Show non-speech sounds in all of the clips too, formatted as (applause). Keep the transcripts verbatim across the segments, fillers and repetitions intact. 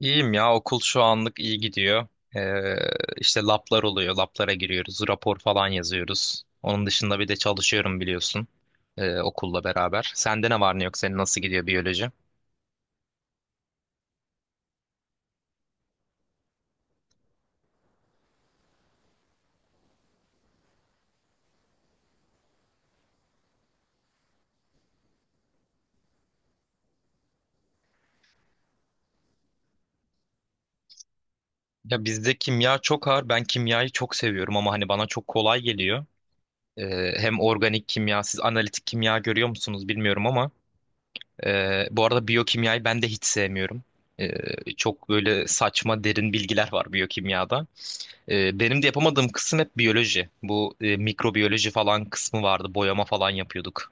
İyiyim ya okul şu anlık iyi gidiyor. Ee, işte lablar oluyor. Lablara giriyoruz. Rapor falan yazıyoruz. Onun dışında bir de çalışıyorum biliyorsun. ee, okulla beraber. Sende ne var ne yok? Senin nasıl gidiyor biyoloji? Ya bizde kimya çok ağır. Ben kimyayı çok seviyorum ama hani bana çok kolay geliyor. Ee, hem organik kimya, siz analitik kimya görüyor musunuz bilmiyorum ama ee, bu arada biyokimyayı ben de hiç sevmiyorum. Ee, çok böyle saçma derin bilgiler var biyokimyada. Ee, benim de yapamadığım kısım hep biyoloji. Bu e, mikrobiyoloji falan kısmı vardı. Boyama falan yapıyorduk.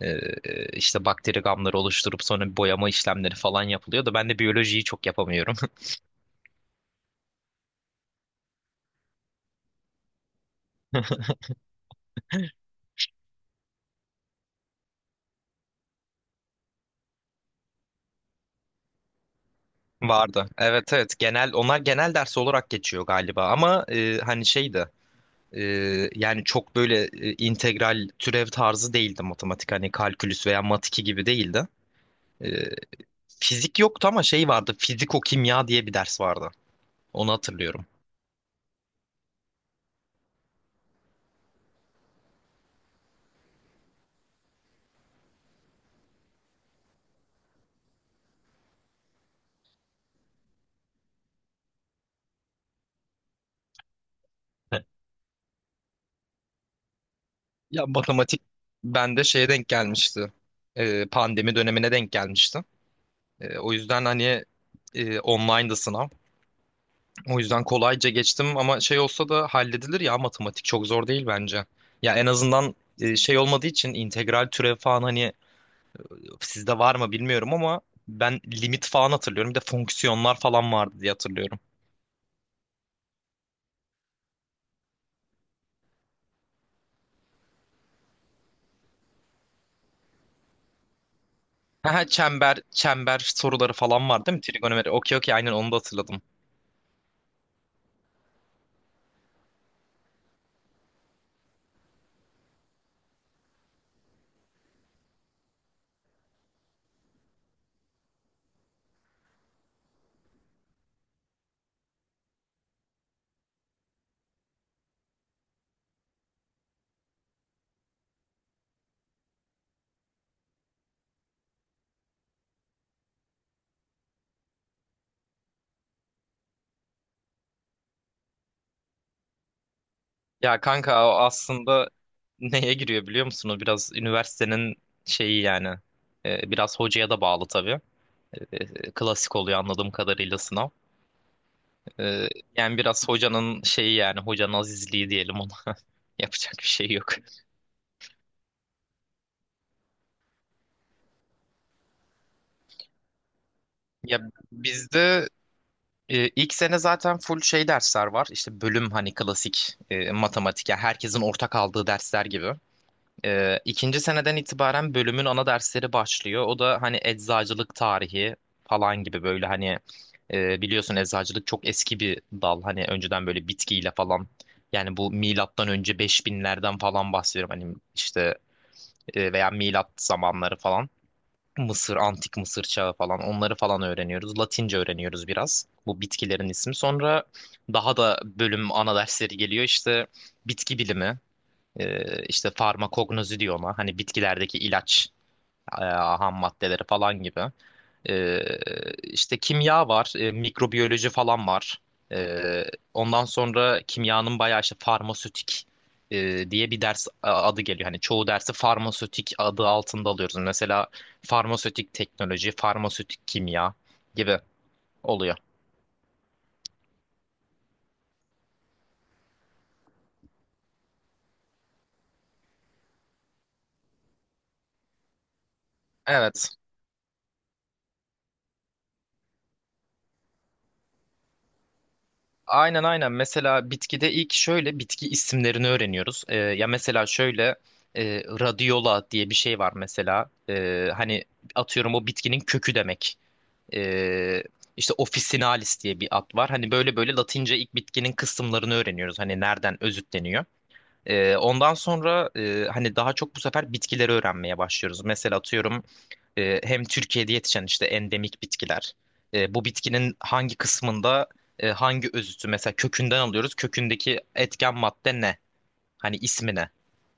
Ee, e, işte bakteri gamları oluşturup sonra boyama işlemleri falan yapılıyor da ben de biyolojiyi çok yapamıyorum. (laughs) Vardı. Evet evet, genel onlar genel ders olarak geçiyor galiba ama e, hani şeydi, e, yani çok böyle e, integral türev tarzı değildi matematik, hani kalkülüs veya mat iki gibi değildi. E, Fizik yoktu ama şey vardı, fiziko kimya diye bir ders vardı. Onu hatırlıyorum. Ya matematik bende şeye denk gelmişti. Ee, pandemi dönemine denk gelmişti. Ee, o yüzden hani e, online'dı sınav. O yüzden kolayca geçtim ama şey olsa da halledilir ya, matematik çok zor değil bence. Ya en azından e, şey olmadığı için integral türev falan, hani sizde var mı bilmiyorum ama ben limit falan hatırlıyorum. Bir de fonksiyonlar falan vardı diye hatırlıyorum. Ha, çember çember soruları falan vardı değil mi? Trigonometri. Okey okey, aynen onu da hatırladım. Ya kanka, o aslında neye giriyor biliyor musun? O biraz üniversitenin şeyi yani. Ee, biraz hocaya da bağlı tabii. Ee, klasik oluyor anladığım kadarıyla sınav. Ee, Yani biraz hocanın şeyi yani, hocanın azizliği diyelim ona. (laughs) Yapacak bir şey yok. Ya bizde e, ilk sene zaten full şey dersler var. İşte bölüm hani klasik e, matematik. Yani herkesin ortak aldığı dersler gibi. Ee, ikinci seneden itibaren bölümün ana dersleri başlıyor. O da hani eczacılık tarihi falan gibi, böyle hani e, biliyorsun eczacılık çok eski bir dal. Hani önceden böyle bitkiyle falan, yani bu milattan önce beş binlerden falan bahsediyorum. Hani işte e, veya milat zamanları falan. Mısır, antik Mısır çağı falan, onları falan öğreniyoruz. Latince öğreniyoruz biraz. Bu bitkilerin ismi. Sonra daha da bölüm ana dersleri geliyor. İşte bitki bilimi. Ee, işte farmakognozi diyor ona. Hani bitkilerdeki ilaç, e, ham maddeleri falan gibi. Ee, işte kimya var, e, mikrobiyoloji falan var. Ee, Ondan sonra kimyanın bayağı işte farmasötik e, diye bir ders a- adı geliyor. Hani çoğu dersi farmasötik adı altında alıyoruz. Mesela farmasötik teknoloji, farmasötik kimya gibi oluyor. Evet. Aynen aynen. Mesela bitkide ilk şöyle bitki isimlerini öğreniyoruz. Ee, ya mesela şöyle e, radiola diye bir şey var mesela. Ee, hani atıyorum o bitkinin kökü demek. Ee, işte officinalis diye bir ad var. Hani böyle böyle Latince ilk bitkinin kısımlarını öğreniyoruz. Hani nereden özütleniyor. Ee, ondan sonra e, hani daha çok bu sefer bitkileri öğrenmeye başlıyoruz. Mesela atıyorum e, hem Türkiye'de yetişen işte endemik bitkiler. e, bu bitkinin hangi kısmında e, hangi özütü mesela kökünden alıyoruz. Kökündeki etken madde ne? Hani ismi ne?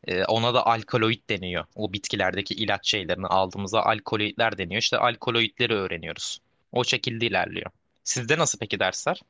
E, ona da alkaloid deniyor. O bitkilerdeki ilaç şeylerini aldığımızda alkaloidler deniyor. İşte alkaloidleri öğreniyoruz. O şekilde ilerliyor. Sizde nasıl peki dersler?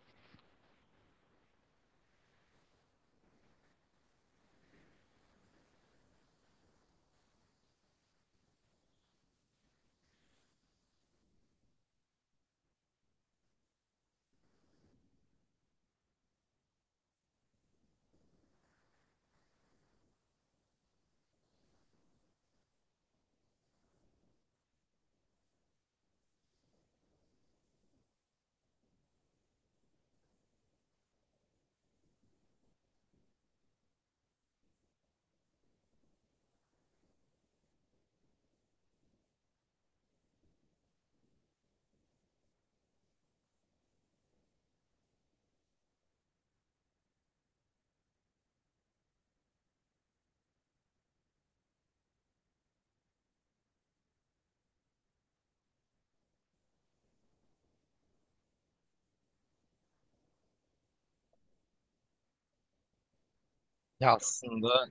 Ya aslında,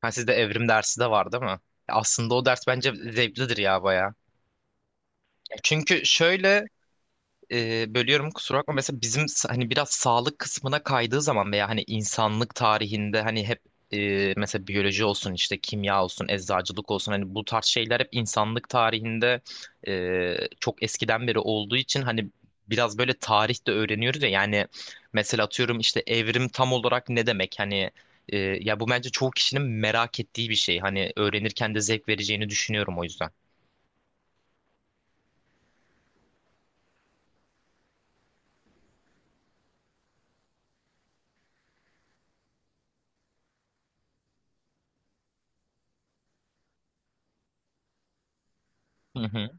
ha, sizde evrim dersi de var değil mi? Ya aslında o ders bence zevklidir ya baya. Çünkü şöyle, e, bölüyorum kusura bakma. Mesela bizim s- hani biraz sağlık kısmına kaydığı zaman veya hani insanlık tarihinde hani hep e, mesela biyoloji olsun, işte kimya olsun, eczacılık olsun, hani bu tarz şeyler hep insanlık tarihinde e, çok eskiden beri olduğu için hani biraz böyle tarih de öğreniyoruz ya yani. Mesela atıyorum işte evrim tam olarak ne demek, hani e, ya bu bence çoğu kişinin merak ettiği bir şey, hani öğrenirken de zevk vereceğini düşünüyorum o yüzden. Hı hı.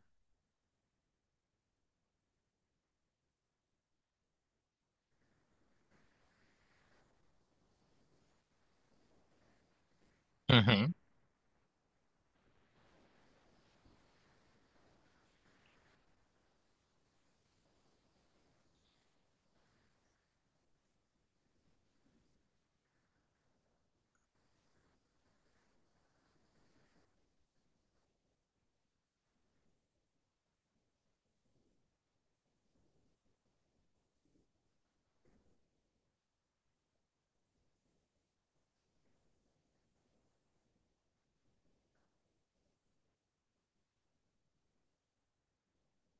Hı hı.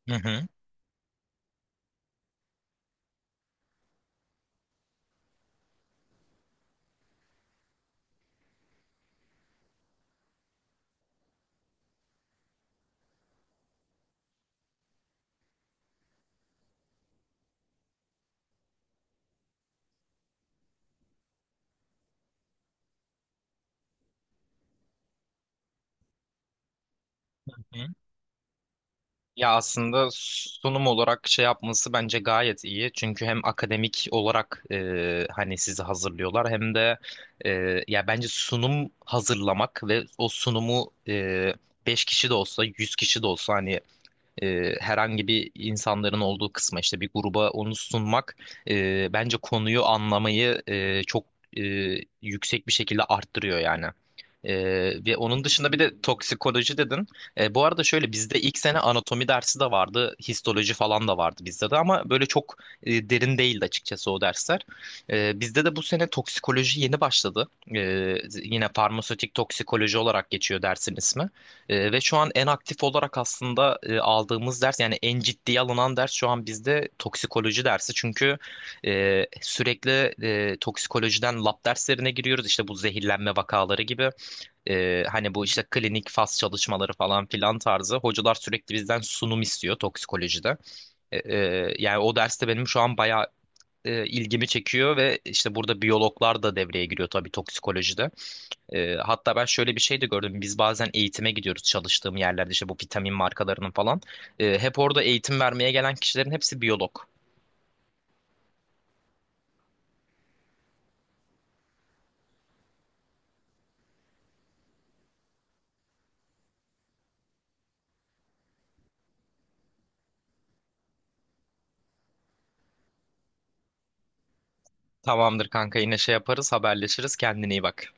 Hı hı. Ya aslında sunum olarak şey yapması bence gayet iyi. Çünkü hem akademik olarak e, hani sizi hazırlıyorlar, hem de e, ya bence sunum hazırlamak ve o sunumu e, beş kişi de olsa yüz kişi de olsa, hani e, herhangi bir insanların olduğu kısma, işte bir gruba onu sunmak e, bence konuyu anlamayı e, çok e, yüksek bir şekilde arttırıyor yani. E, Ve onun dışında bir de toksikoloji dedin. E, bu arada şöyle, bizde ilk sene anatomi dersi de vardı, histoloji falan da vardı bizde de, ama böyle çok e, derin değildi açıkçası o dersler. E, bizde de bu sene toksikoloji yeni başladı. E, Yine farmasötik toksikoloji olarak geçiyor dersin ismi. Ee, ve şu an en aktif olarak aslında e, aldığımız ders, yani en ciddiye alınan ders şu an bizde toksikoloji dersi. Çünkü e, sürekli e, toksikolojiden lab derslerine giriyoruz. İşte bu zehirlenme vakaları gibi. E, hani bu işte klinik faz çalışmaları falan filan tarzı. Hocalar sürekli bizden sunum istiyor toksikolojide. E, e, Yani o derste benim şu an bayağı e, ilgimi çekiyor ve işte burada biyologlar da devreye giriyor tabii toksikolojide. Ee, hatta ben şöyle bir şey de gördüm. Biz bazen eğitime gidiyoruz çalıştığım yerlerde işte bu vitamin markalarının falan. Ee, hep orada eğitim vermeye gelen kişilerin hepsi biyolog. Tamamdır kanka, yine şey yaparız, haberleşiriz, kendine iyi bak.